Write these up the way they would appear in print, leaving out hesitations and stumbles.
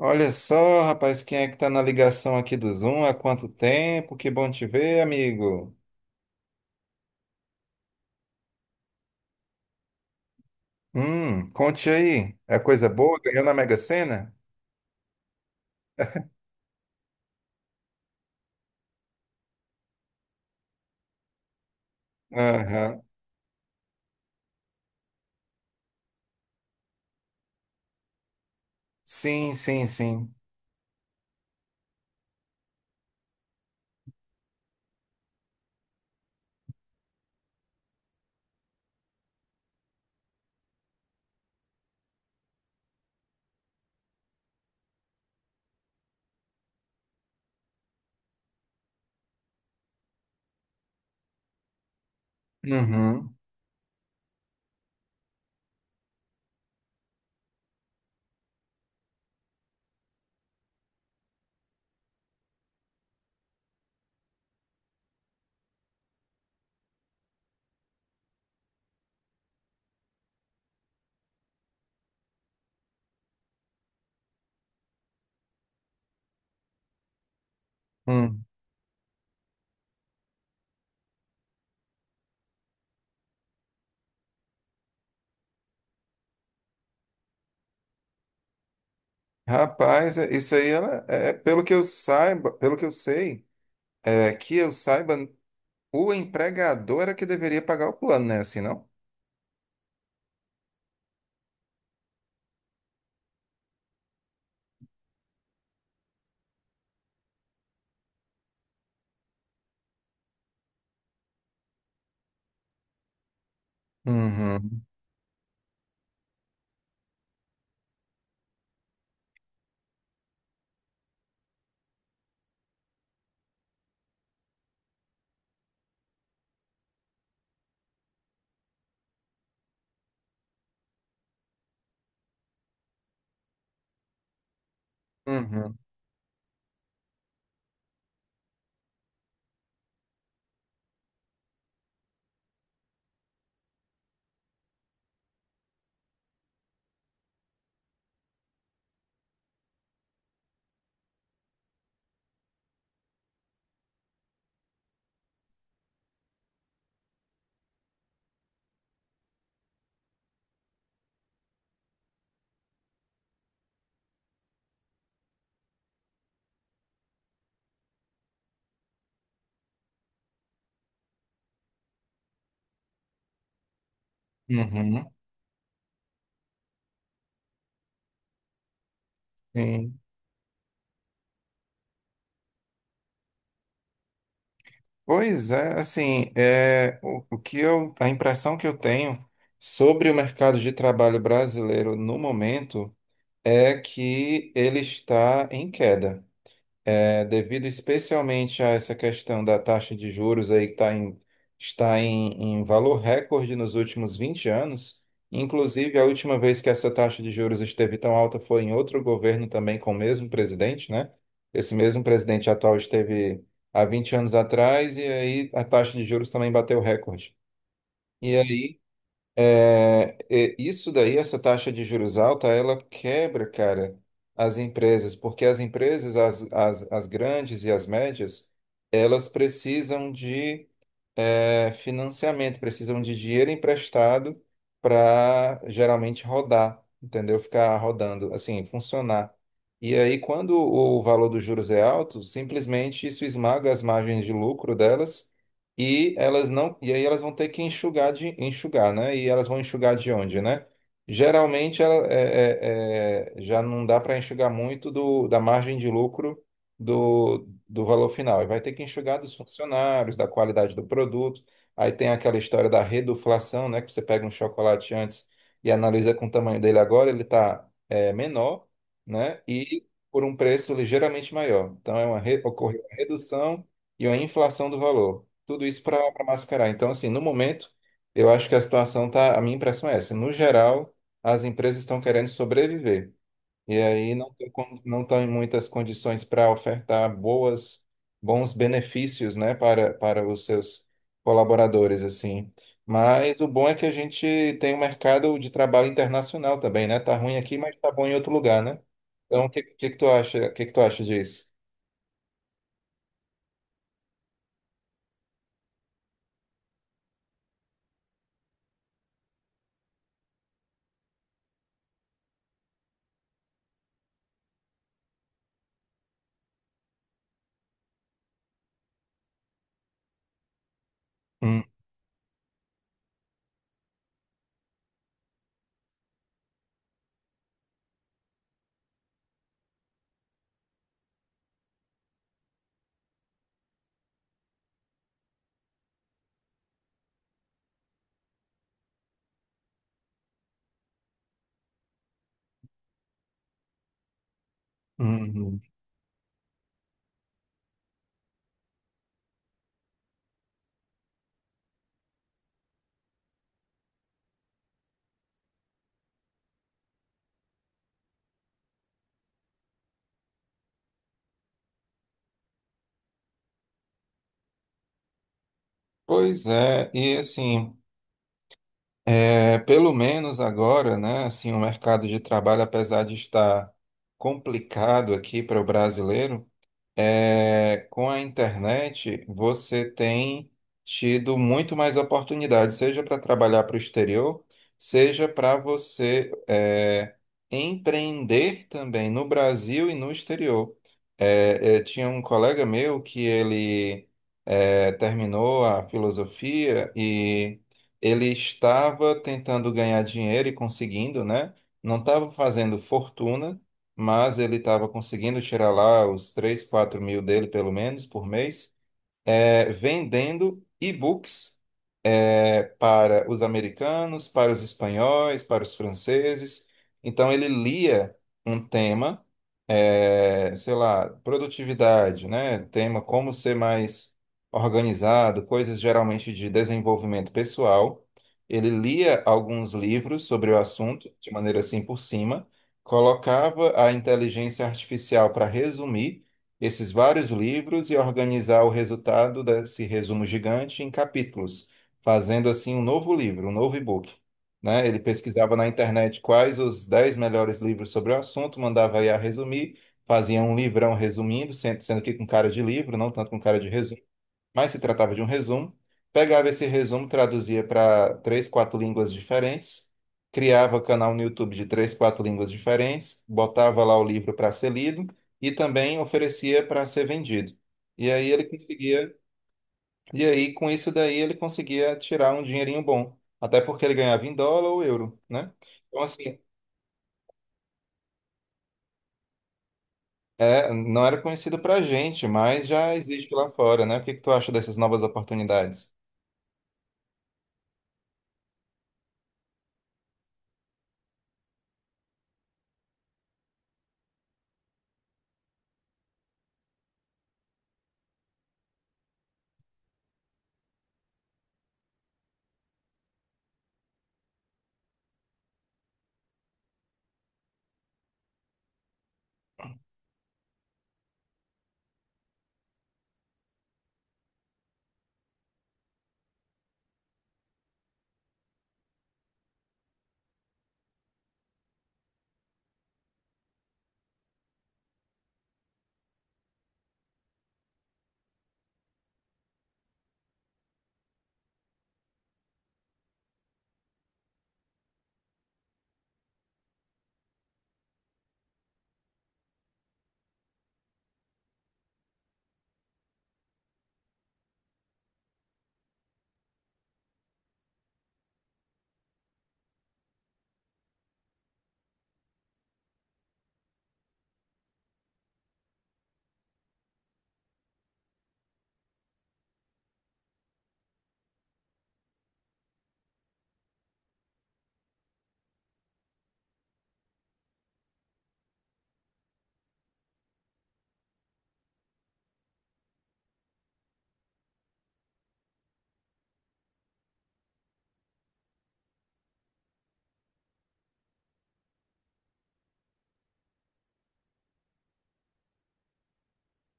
Olha só, rapaz, quem é que tá na ligação aqui do Zoom? Há quanto tempo? Que bom te ver, amigo. Conte aí. É coisa boa? Ganhou na Mega Sena? Aham. Sim, sim, sim. Uhum. Hum. Rapaz, isso aí ela, pelo que eu saiba, pelo que eu sei, é que eu saiba, o empregador era que deveria pagar o plano, né? Assim, não? Uhum. Uhum. Uhum. Sim. Pois é, assim, o que eu, a impressão que eu tenho sobre o mercado de trabalho brasileiro no momento é que ele está em queda. É, devido especialmente a essa questão da taxa de juros aí que tá em, está em valor recorde nos últimos 20 anos, inclusive a última vez que essa taxa de juros esteve tão alta foi em outro governo também com o mesmo presidente, né? Esse mesmo presidente atual esteve há 20 anos atrás e aí a taxa de juros também bateu recorde. E aí isso daí, essa taxa de juros alta, ela quebra, cara, as empresas, porque as empresas, as grandes e as médias, elas precisam de financiamento, precisam de dinheiro emprestado para geralmente rodar, entendeu? Ficar rodando, assim, funcionar. E aí, quando o valor dos juros é alto, simplesmente isso esmaga as margens de lucro delas e elas não, e aí elas vão ter que enxugar de enxugar, né? E elas vão enxugar de onde, né? Geralmente ela, já não dá para enxugar muito do, da margem de lucro do valor final. E vai ter que enxugar dos funcionários, da qualidade do produto. Aí tem aquela história da reduflação, né? Que você pega um chocolate antes e analisa com o tamanho dele agora, ele está menor, né? E por um preço ligeiramente maior. Então é uma ocorreu uma redução e uma inflação do valor. Tudo isso para mascarar. Então, assim, no momento, eu acho que a situação tá, a minha impressão é essa. No geral, as empresas estão querendo sobreviver. E aí não tem não estão em muitas condições para ofertar boas, bons benefícios, né, para, para os seus colaboradores, assim. Mas o bom é que a gente tem um mercado de trabalho internacional também, né? Tá ruim aqui, mas tá bom em outro lugar, né? Então, o que, que tu acha, que tu acha disso? Hum, uhum. Pois é, e assim, pelo menos agora, né, assim, o mercado de trabalho, apesar de estar complicado aqui para o brasileiro, é, com a internet, você tem tido muito mais oportunidades, seja para trabalhar para o exterior, seja para você empreender também no Brasil e no exterior. Tinha um colega meu que ele terminou a filosofia e ele estava tentando ganhar dinheiro e conseguindo, né? Não estava fazendo fortuna mas ele estava conseguindo tirar lá os 3, 4 mil dele, pelo menos, por mês, vendendo e-books para os americanos, para os espanhóis, para os franceses. Então, ele lia um tema, sei lá, produtividade, né? Tema como ser mais organizado, coisas geralmente de desenvolvimento pessoal. Ele lia alguns livros sobre o assunto, de maneira assim por cima, colocava a inteligência artificial para resumir esses vários livros e organizar o resultado desse resumo gigante em capítulos fazendo assim um novo livro, um novo e-book, né? Ele pesquisava na internet quais os 10 melhores livros sobre o assunto, mandava I a resumir, fazia um livrão resumindo, sendo, sendo que com cara de livro, não tanto com cara de resumo, mas se tratava de um resumo. Pegava esse resumo, traduzia para três, quatro línguas diferentes, criava canal no YouTube de três, quatro línguas diferentes, botava lá o livro para ser lido e também oferecia para ser vendido. E aí ele conseguia e aí, com isso daí, ele conseguia tirar um dinheirinho bom. Até porque ele ganhava em dólar ou euro, né? Então, assim, é, não era conhecido pra gente, mas já existe lá fora, né? O que que tu acha dessas novas oportunidades?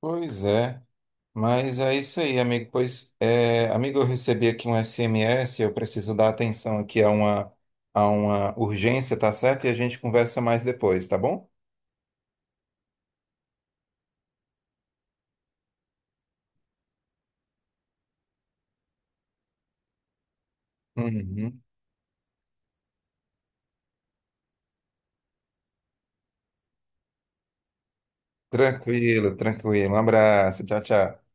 Pois é. Mas é isso aí, amigo. Pois, é, amigo, eu recebi aqui um SMS, eu preciso dar atenção aqui a uma urgência, tá certo? E a gente conversa mais depois, tá bom? Uhum. Tranquilo, tranquilo. Um abraço. Tchau, tchau.